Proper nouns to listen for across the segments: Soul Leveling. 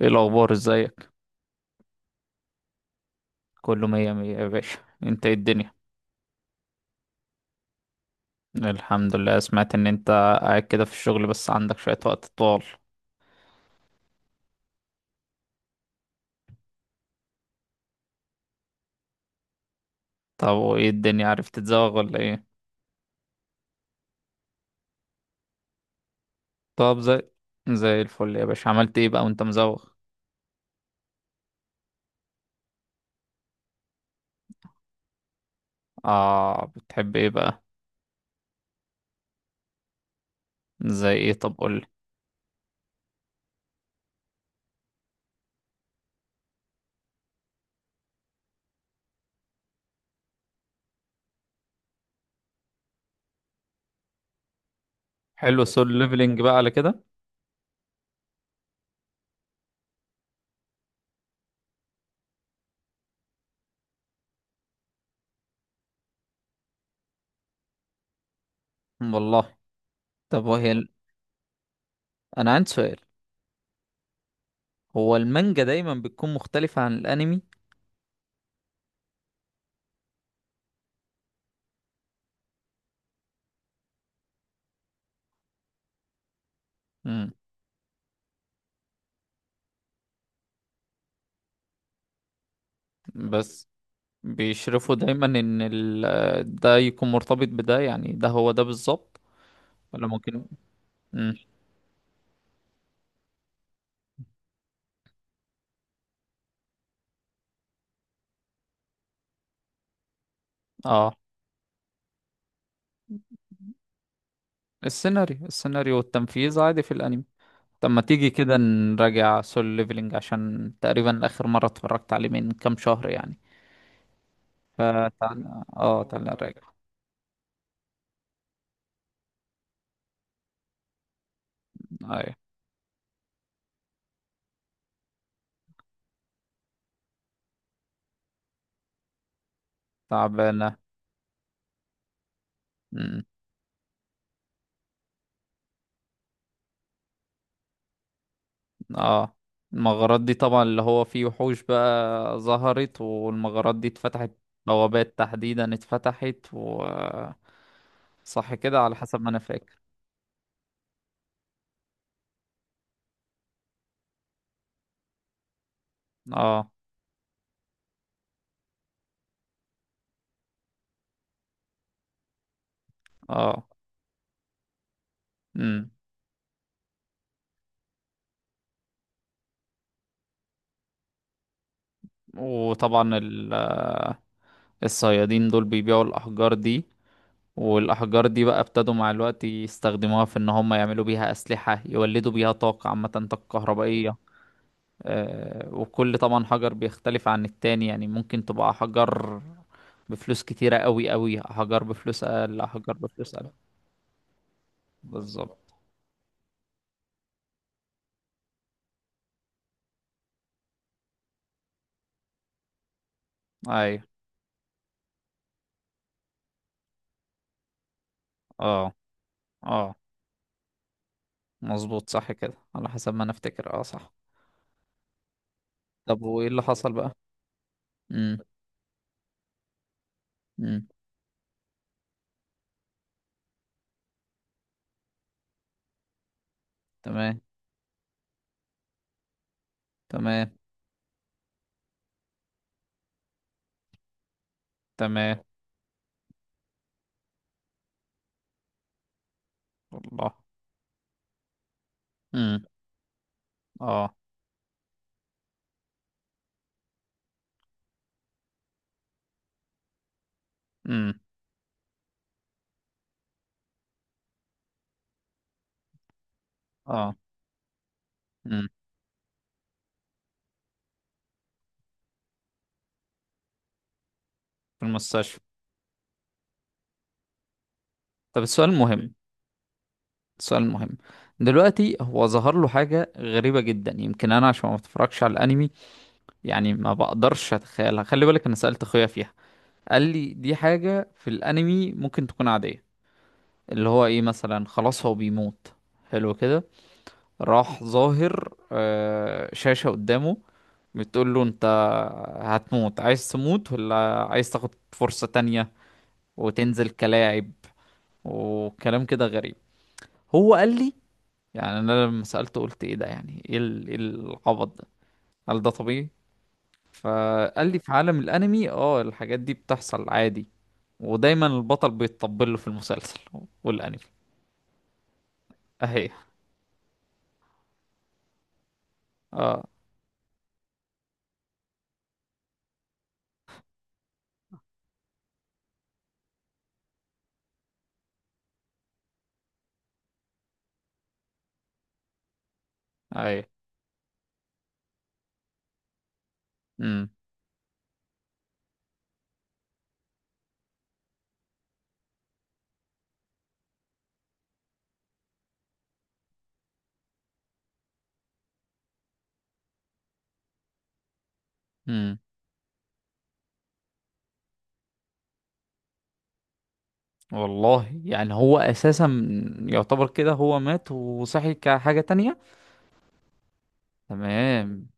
ايه الاخبار؟ ازيك؟ كله مية مية يا باشا. انت، ايه الدنيا؟ الحمد لله. سمعت ان انت قاعد كده في الشغل بس عندك شوية وقت طوال. طب وايه الدنيا، عرفت تتزوغ ولا ايه؟ طب زي الفل يا باشا. عملت ايه بقى وانت مزوغ؟ اه، بتحب ايه بقى؟ زي ايه؟ طب قولي. حلو السول ليفلينج بقى على كده. والله. طب وهي انا عندي سؤال. هو المانجا دايما بتكون مختلفة عن الانمي؟ امم. بس بيشرفوا دايما ان ده يكون مرتبط بده، يعني ده هو ده بالظبط، ولا ممكن؟ مم. اه، السيناريو والتنفيذ عادي في الانمي. طب ما تيجي كده نراجع سول ليفلينج، عشان تقريبا اخر مرة اتفرجت عليه من كام شهر يعني. فتعال اه تعال نراجع. ايوه. تعبانة. مم. اه. المغارات دي طبعا اللي هو فيه وحوش بقى ظهرت، والمغارات دي اتفتحت. بوابات تحديدا اتفتحت صح كده على حسب ما انا فاكر. اه. اه. امم. وطبعا الصيادين دول بيبيعوا الاحجار دي، والاحجار دي بقى ابتدوا مع الوقت يستخدموها في ان هم يعملوا بيها اسلحة، يولدوا بيها طاقة عامة، طاقة كهربائية. وكل طبعا حجر بيختلف عن التاني، يعني ممكن تبقى حجر بفلوس كتيرة قوي قوي، حجر بفلوس أقل، حجر بفلوس أقل. بالظبط. أيوة. اه، اه. مظبوط، صح كده على حسب ما أنا أفتكر، اه، صح. طب وإيه اللي حصل بقى؟ امم. امم. تمام. تمام. تمام. والله. امم. اه. امم. اه. امم. في المستشفى. طب السؤال المهم. السؤال المهم دلوقتي، هو ظهر له حاجة غريبة جدا. يمكن أنا عشان ما بتفرجش على الأنمي، يعني ما بقدرش اتخيلها. خلي بالك انا سألت اخويا فيها، قال لي دي حاجة في الانمي ممكن تكون عادية. اللي هو ايه مثلا، خلاص هو بيموت، حلو كده. راح ظاهر شاشة قدامه، بتقول له انت هتموت، عايز تموت ولا عايز تاخد فرصة تانية وتنزل كلاعب، وكلام كده غريب. هو قال لي، يعني انا لما سألته قلت ايه ده، يعني ايه إيه العبط ده؟ هل ده طبيعي؟ فقال لي في عالم الانمي الحاجات دي بتحصل عادي. ودايما البطل بيتطبل له في المسلسل والانمي. اهي. اه. اهي. امم. امم. والله، يعني هو اساسا يعتبر كده هو مات وصحي كحاجة تانية. تمام.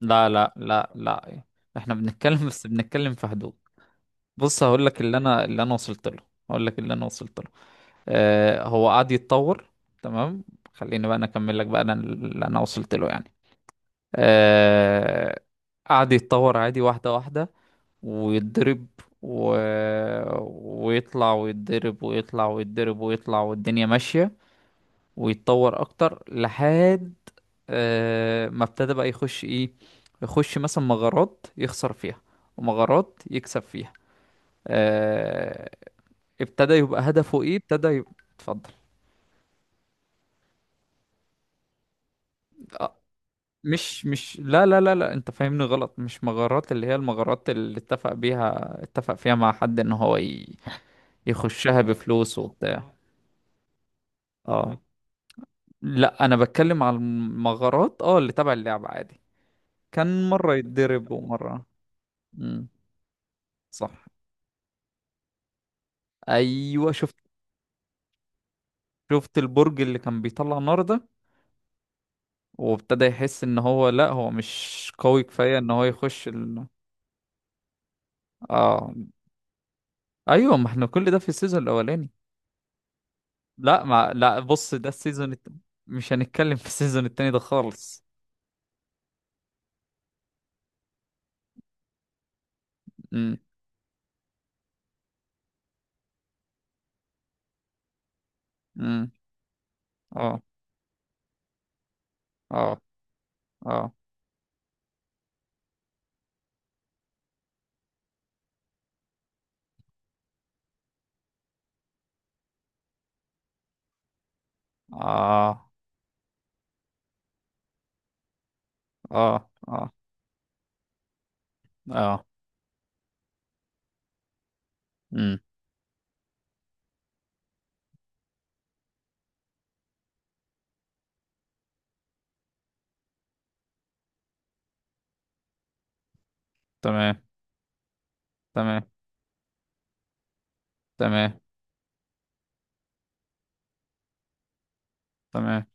لا، لا، لا، لا، احنا بنتكلم، بس بنتكلم في حدود. بص هقول لك اللي انا وصلت له. هقول لك اللي انا وصلت له. آه، هو قعد يتطور. تمام. خليني بقى انا اكمل لك بقى انا اللي انا وصلت له يعني. آه، قعد يتطور عادي، واحدة واحدة، ويتضرب و... ويطلع ويتضرب ويطلع ويتضرب ويطلع والدنيا ماشية، ويتطور أكتر لحد ما ابتدى بقى يخش إيه. يخش مثلا مغارات يخسر فيها ومغارات يكسب فيها. آه، ابتدى يبقى هدفه إيه، ابتدى يبقى. اتفضل. مش مش لا، لا، لا، لا، انت فاهمني غلط. مش مغارات، اللي هي المغارات اللي اتفق فيها مع حد ان هو يخشها بفلوس وبتاع. اه، لا، انا بتكلم على المغارات اللي تبع اللعبة عادي. كان مرة يتضرب ومرة. امم. صح. ايوه، شفت البرج اللي كان بيطلع نار ده. وابتدى يحس ان هو لا، هو مش قوي كفاية ان هو يخش اه. ايوه ما احنا كل ده في السيزون الاولاني. لا، ما لا، بص ده السيزون مش هنتكلم في السيزون التاني ده خالص. امم. امم. اه. اه. اه. اه. اه. اه. اه. امم. تمام. تمام. تمام. تمام.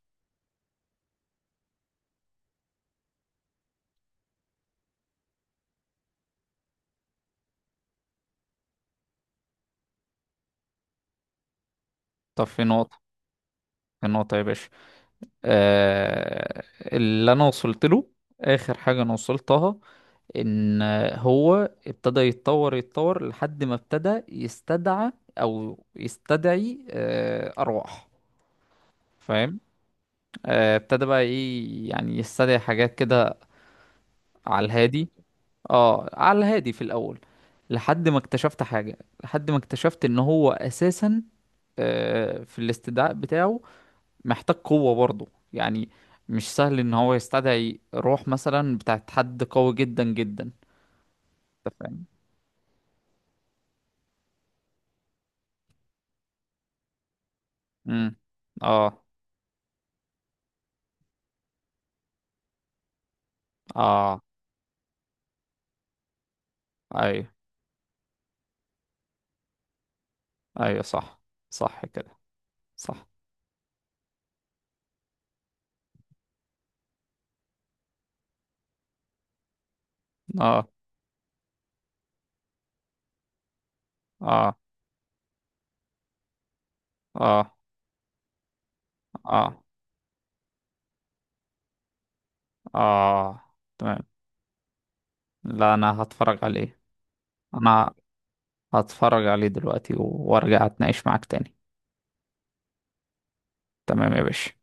طب في نقطة. في نقطة يا باشا. آه اللي انا وصلت له، اخر حاجة انا وصلتها، ان هو ابتدى يتطور يتطور لحد ما ابتدى يستدعى او يستدعي ارواح. فاهم؟ ابتدى بقى ايه يعني يستدعي حاجات كده على الهادي. اه، على الهادي في الاول. لحد ما اكتشفت حاجة، لحد ما اكتشفت ان هو اساسا في الاستدعاء بتاعه محتاج قوة برضه. يعني مش سهل ان هو يستدعي روح مثلا بتاعت حد قوي جدا جدا. انت فاهم؟ امم. اه. اه. ايوه، ايوه، صح. صح كده. صح. اه. اه. اه. اه. اه. تمام. لا، انا هتفرج عليه. انا هتفرج عليه دلوقتي وارجع اتناقش معاك تاني. تمام يا باشا.